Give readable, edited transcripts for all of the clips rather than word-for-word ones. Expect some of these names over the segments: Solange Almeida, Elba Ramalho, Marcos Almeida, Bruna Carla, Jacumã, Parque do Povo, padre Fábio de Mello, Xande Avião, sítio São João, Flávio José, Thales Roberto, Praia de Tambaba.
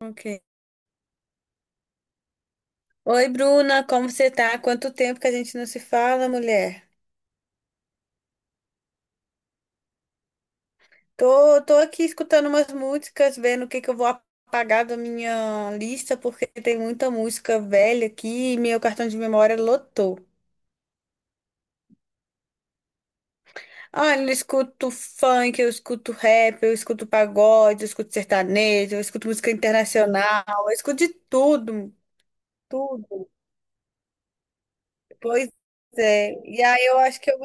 Ok. Oi, Bruna, como você tá? Quanto tempo que a gente não se fala, mulher? Tô aqui escutando umas músicas, vendo o que que eu vou apagar da minha lista, porque tem muita música velha aqui e meu cartão de memória lotou. Olha, eu escuto funk, eu escuto rap, eu escuto pagode, eu escuto sertanejo, eu escuto música internacional, eu escuto de tudo, tudo. Pois é. E aí eu acho que eu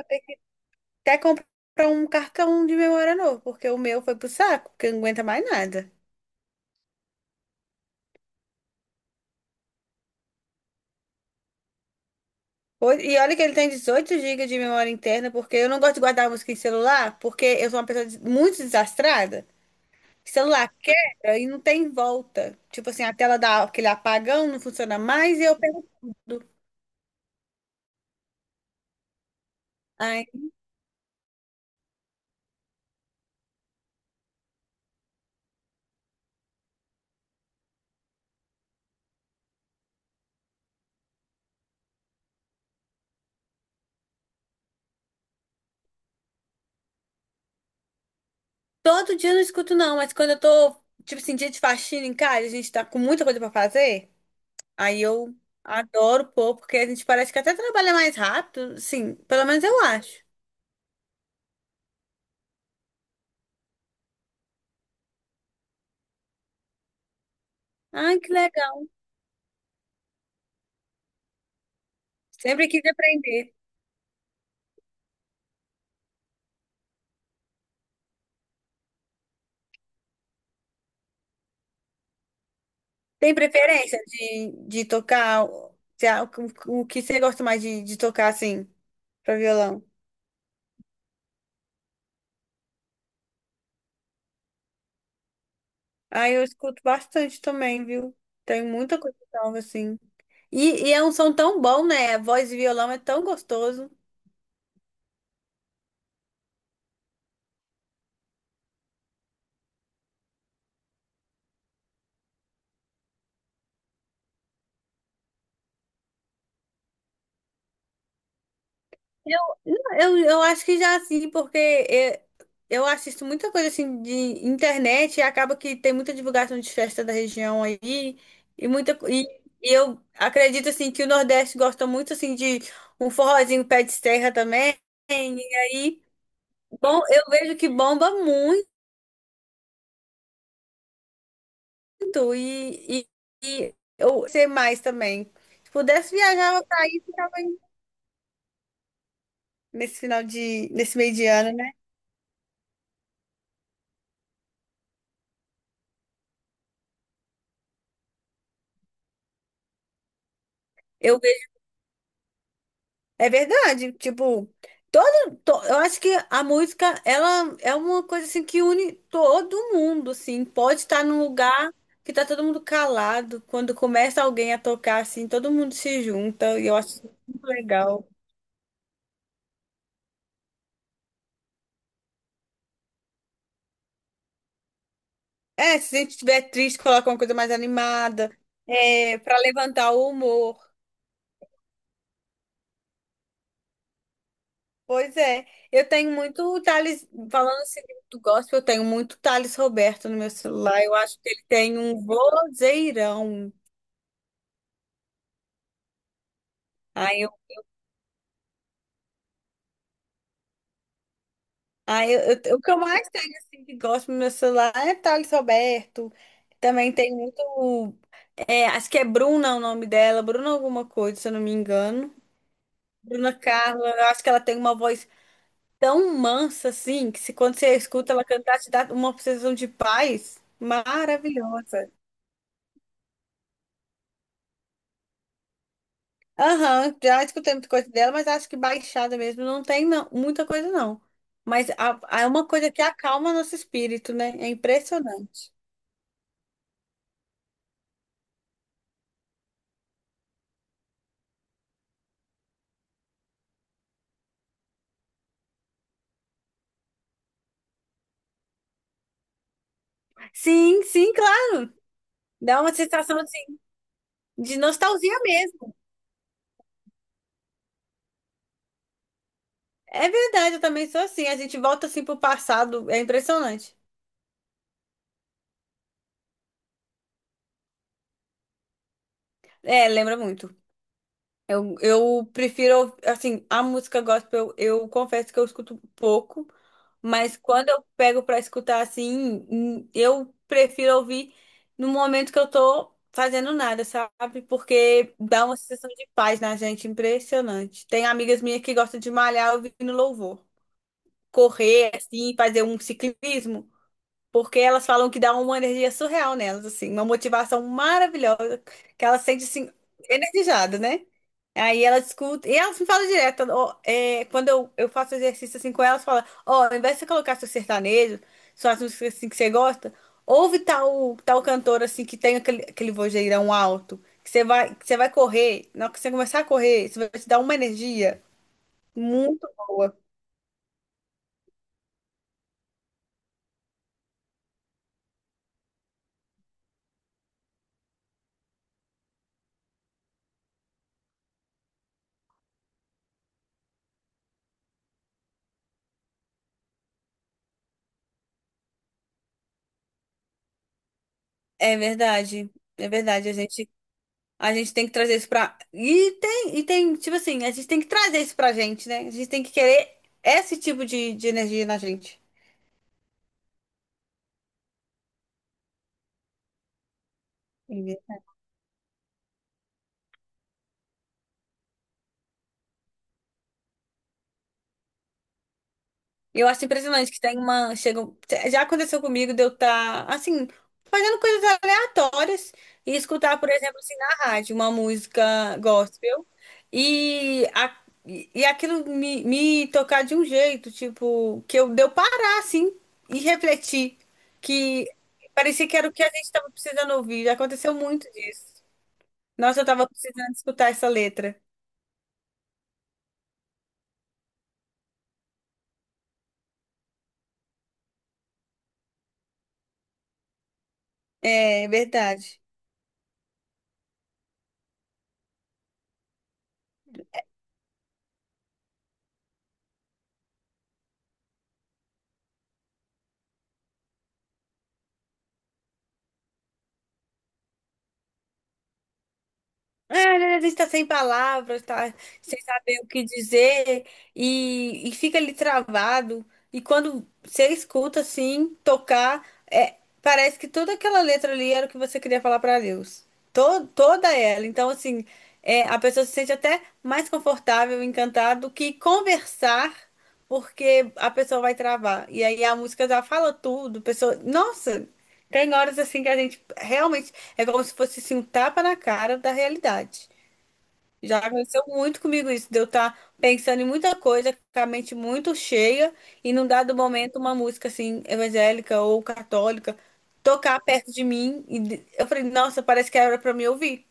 Até comprar um cartão de memória novo, porque o meu foi pro saco, porque não aguenta mais nada. E olha que ele tem 18 gigas de memória interna, porque eu não gosto de guardar música em celular, porque eu sou uma pessoa muito desastrada. Celular quebra e não tem volta. Tipo assim, a tela dá aquele apagão, não funciona mais e eu perco tudo. Ai, todo dia eu não escuto, não, mas quando tipo assim, dia de faxina em casa, a gente tá com muita coisa pra fazer, aí eu adoro pôr, porque a gente parece que até trabalha mais rápido, sim, pelo menos eu acho. Ai, que legal. Sempre quis aprender. Tem preferência de tocar o, se a- o que você gosta mais de tocar, assim, pra violão? Ah, eu escuto bastante também, viu? Tem muita coisa nova, assim. E é um som tão bom, né? A voz de violão é tão gostoso. Eu, eu acho que já assim, eu assisto muita coisa assim de internet e acaba que tem muita divulgação de festa da região aí e muita co- e, e eu acredito assim que o Nordeste gosta muito assim de um forrozinho pé de serra também. Aí, bom, eu vejo que bomba muito e, e eu sei mais também. Se pudesse viajar, eu tava nesse final de nesse meio de ano, né? eu É verdade, tipo, eu acho que a música, ela é uma coisa assim que une todo mundo, assim, pode estar num lugar que tá todo mundo calado, quando começa alguém a tocar, assim, todo mundo se junta, e eu acho isso muito legal. É, se a gente estiver triste, coloca uma coisa mais animada, é, para levantar o humor. Pois é, eu tenho muito Thales, falando assim do gospel, eu tenho muito Thales Roberto no meu celular, eu acho que ele tem um vozeirão. Ah, o que eu mais tenho, assim, que gosto no meu celular é Thales Roberto. Também tem muito. É, acho que é Bruna o nome dela, Bruna alguma coisa, se eu não me engano. Bruna Carla, eu acho que ela tem uma voz tão mansa, assim, que se, quando você escuta ela cantar, te dá uma sensação de paz maravilhosa. Aham, já escutei muita coisa dela, mas acho que baixada mesmo não tem não, muita coisa, não. Mas é uma coisa que acalma nosso espírito, né? É impressionante. Sim, sim, dá uma sensação assim, de nostalgia mesmo. É verdade, eu também sou assim. A gente volta assim pro passado, é impressionante. É, lembra muito. Eu prefiro, assim, a música gospel, eu confesso que eu escuto pouco, mas quando eu pego pra escutar assim, eu prefiro ouvir no momento que eu tô fazendo nada, sabe? Porque dá uma sensação de paz na gente, impressionante. Tem amigas minhas que gostam de malhar ouvindo louvor. Correr, assim, fazer um ciclismo. Porque elas falam que dá uma energia surreal nelas, assim, uma motivação maravilhosa, que elas sentem assim, energizada, né? Aí elas escutam, e elas me falam direto, ó, é, quando eu faço exercício assim com elas, fala, ó, ao invés de você colocar seu sertanejo, suas músicas assim que você gosta, ouve tal cantor assim que tem aquele vozeirão alto, que você vai correr, na hora que você começar a correr, isso vai te dar uma energia muito boa. É verdade, é verdade, a gente tem que trazer isso pra. E tem, tipo assim, a gente tem que trazer isso pra gente, né? A gente tem que querer esse tipo de energia na gente. Eu acho impressionante que tem uma. Chega, já aconteceu comigo de eu estar, assim, fazendo coisas aleatórias e escutar, por exemplo, assim, na rádio, uma música gospel. E, a, e e aquilo me tocar de um jeito, tipo, de eu parar, assim, e refletir. Que parecia que era o que a gente estava precisando ouvir. Já aconteceu muito disso. Nossa, eu estava precisando escutar essa letra. É verdade. Ah, a gente está sem palavras, tá sem saber o que dizer e fica ali travado. E quando você escuta assim, tocar, é, parece que toda aquela letra ali era o que você queria falar para Deus. Toda ela. Então, assim, é, a pessoa se sente até mais confortável, encantada, do que conversar, porque a pessoa vai travar. E aí a música já fala tudo, a pessoa. Nossa! Tem horas assim que a gente realmente é como se fosse assim, um tapa na cara da realidade. Já aconteceu muito comigo isso, de eu estar pensando em muita coisa, com a mente muito cheia, e num dado momento uma música assim, evangélica ou católica, tocar perto de mim, eu falei, nossa, parece que era para me ouvir.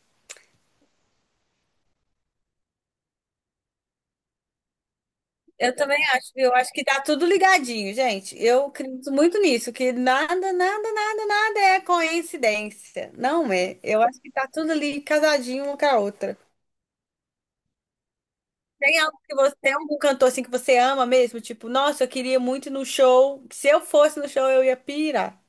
Eu também acho, viu? Eu acho que tá tudo ligadinho, gente. Eu acredito muito nisso, que nada é coincidência. Não é. Eu acho que tá tudo ali casadinho uma com a outra. Tem algum cantor assim que você ama mesmo? Tipo, nossa, eu queria muito ir no show. Se eu fosse no show, eu ia pirar.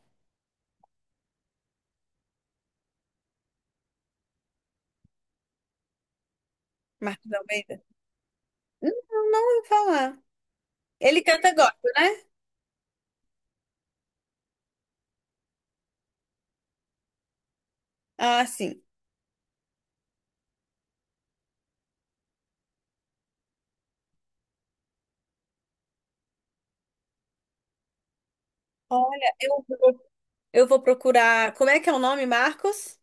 Marcos Almeida? Não vou falar. Ele canta gospel, né? Ah, sim. Olha, eu vou procurar. Como é que é o nome, Marcos?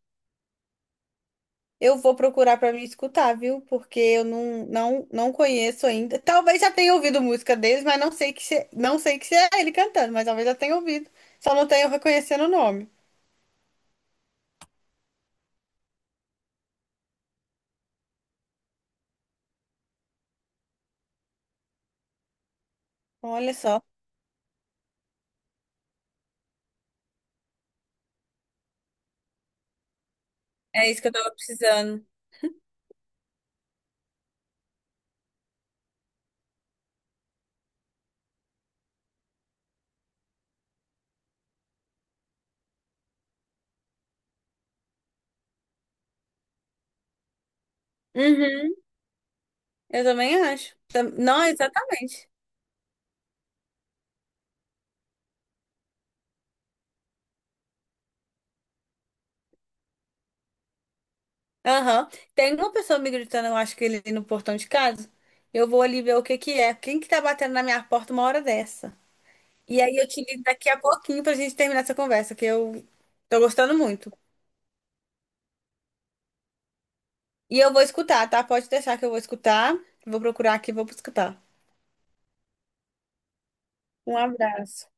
Eu vou procurar pra me escutar, viu? Porque eu não conheço ainda. Talvez já tenha ouvido música deles, mas não sei que se é ele cantando, mas talvez já tenha ouvido. Só não tenho reconhecendo o nome. Olha só. É isso que eu tava precisando. Uhum. Eu também acho. Não, exatamente. Aham. Tem uma pessoa me gritando, eu acho que ele no portão de casa. Eu vou ali ver o que que é. Quem que tá batendo na minha porta uma hora dessa? E aí eu te ligo daqui a pouquinho pra gente terminar essa conversa, que eu tô gostando muito. E eu vou escutar, tá? Pode deixar que eu vou escutar. Vou procurar aqui, e vou escutar. Um abraço.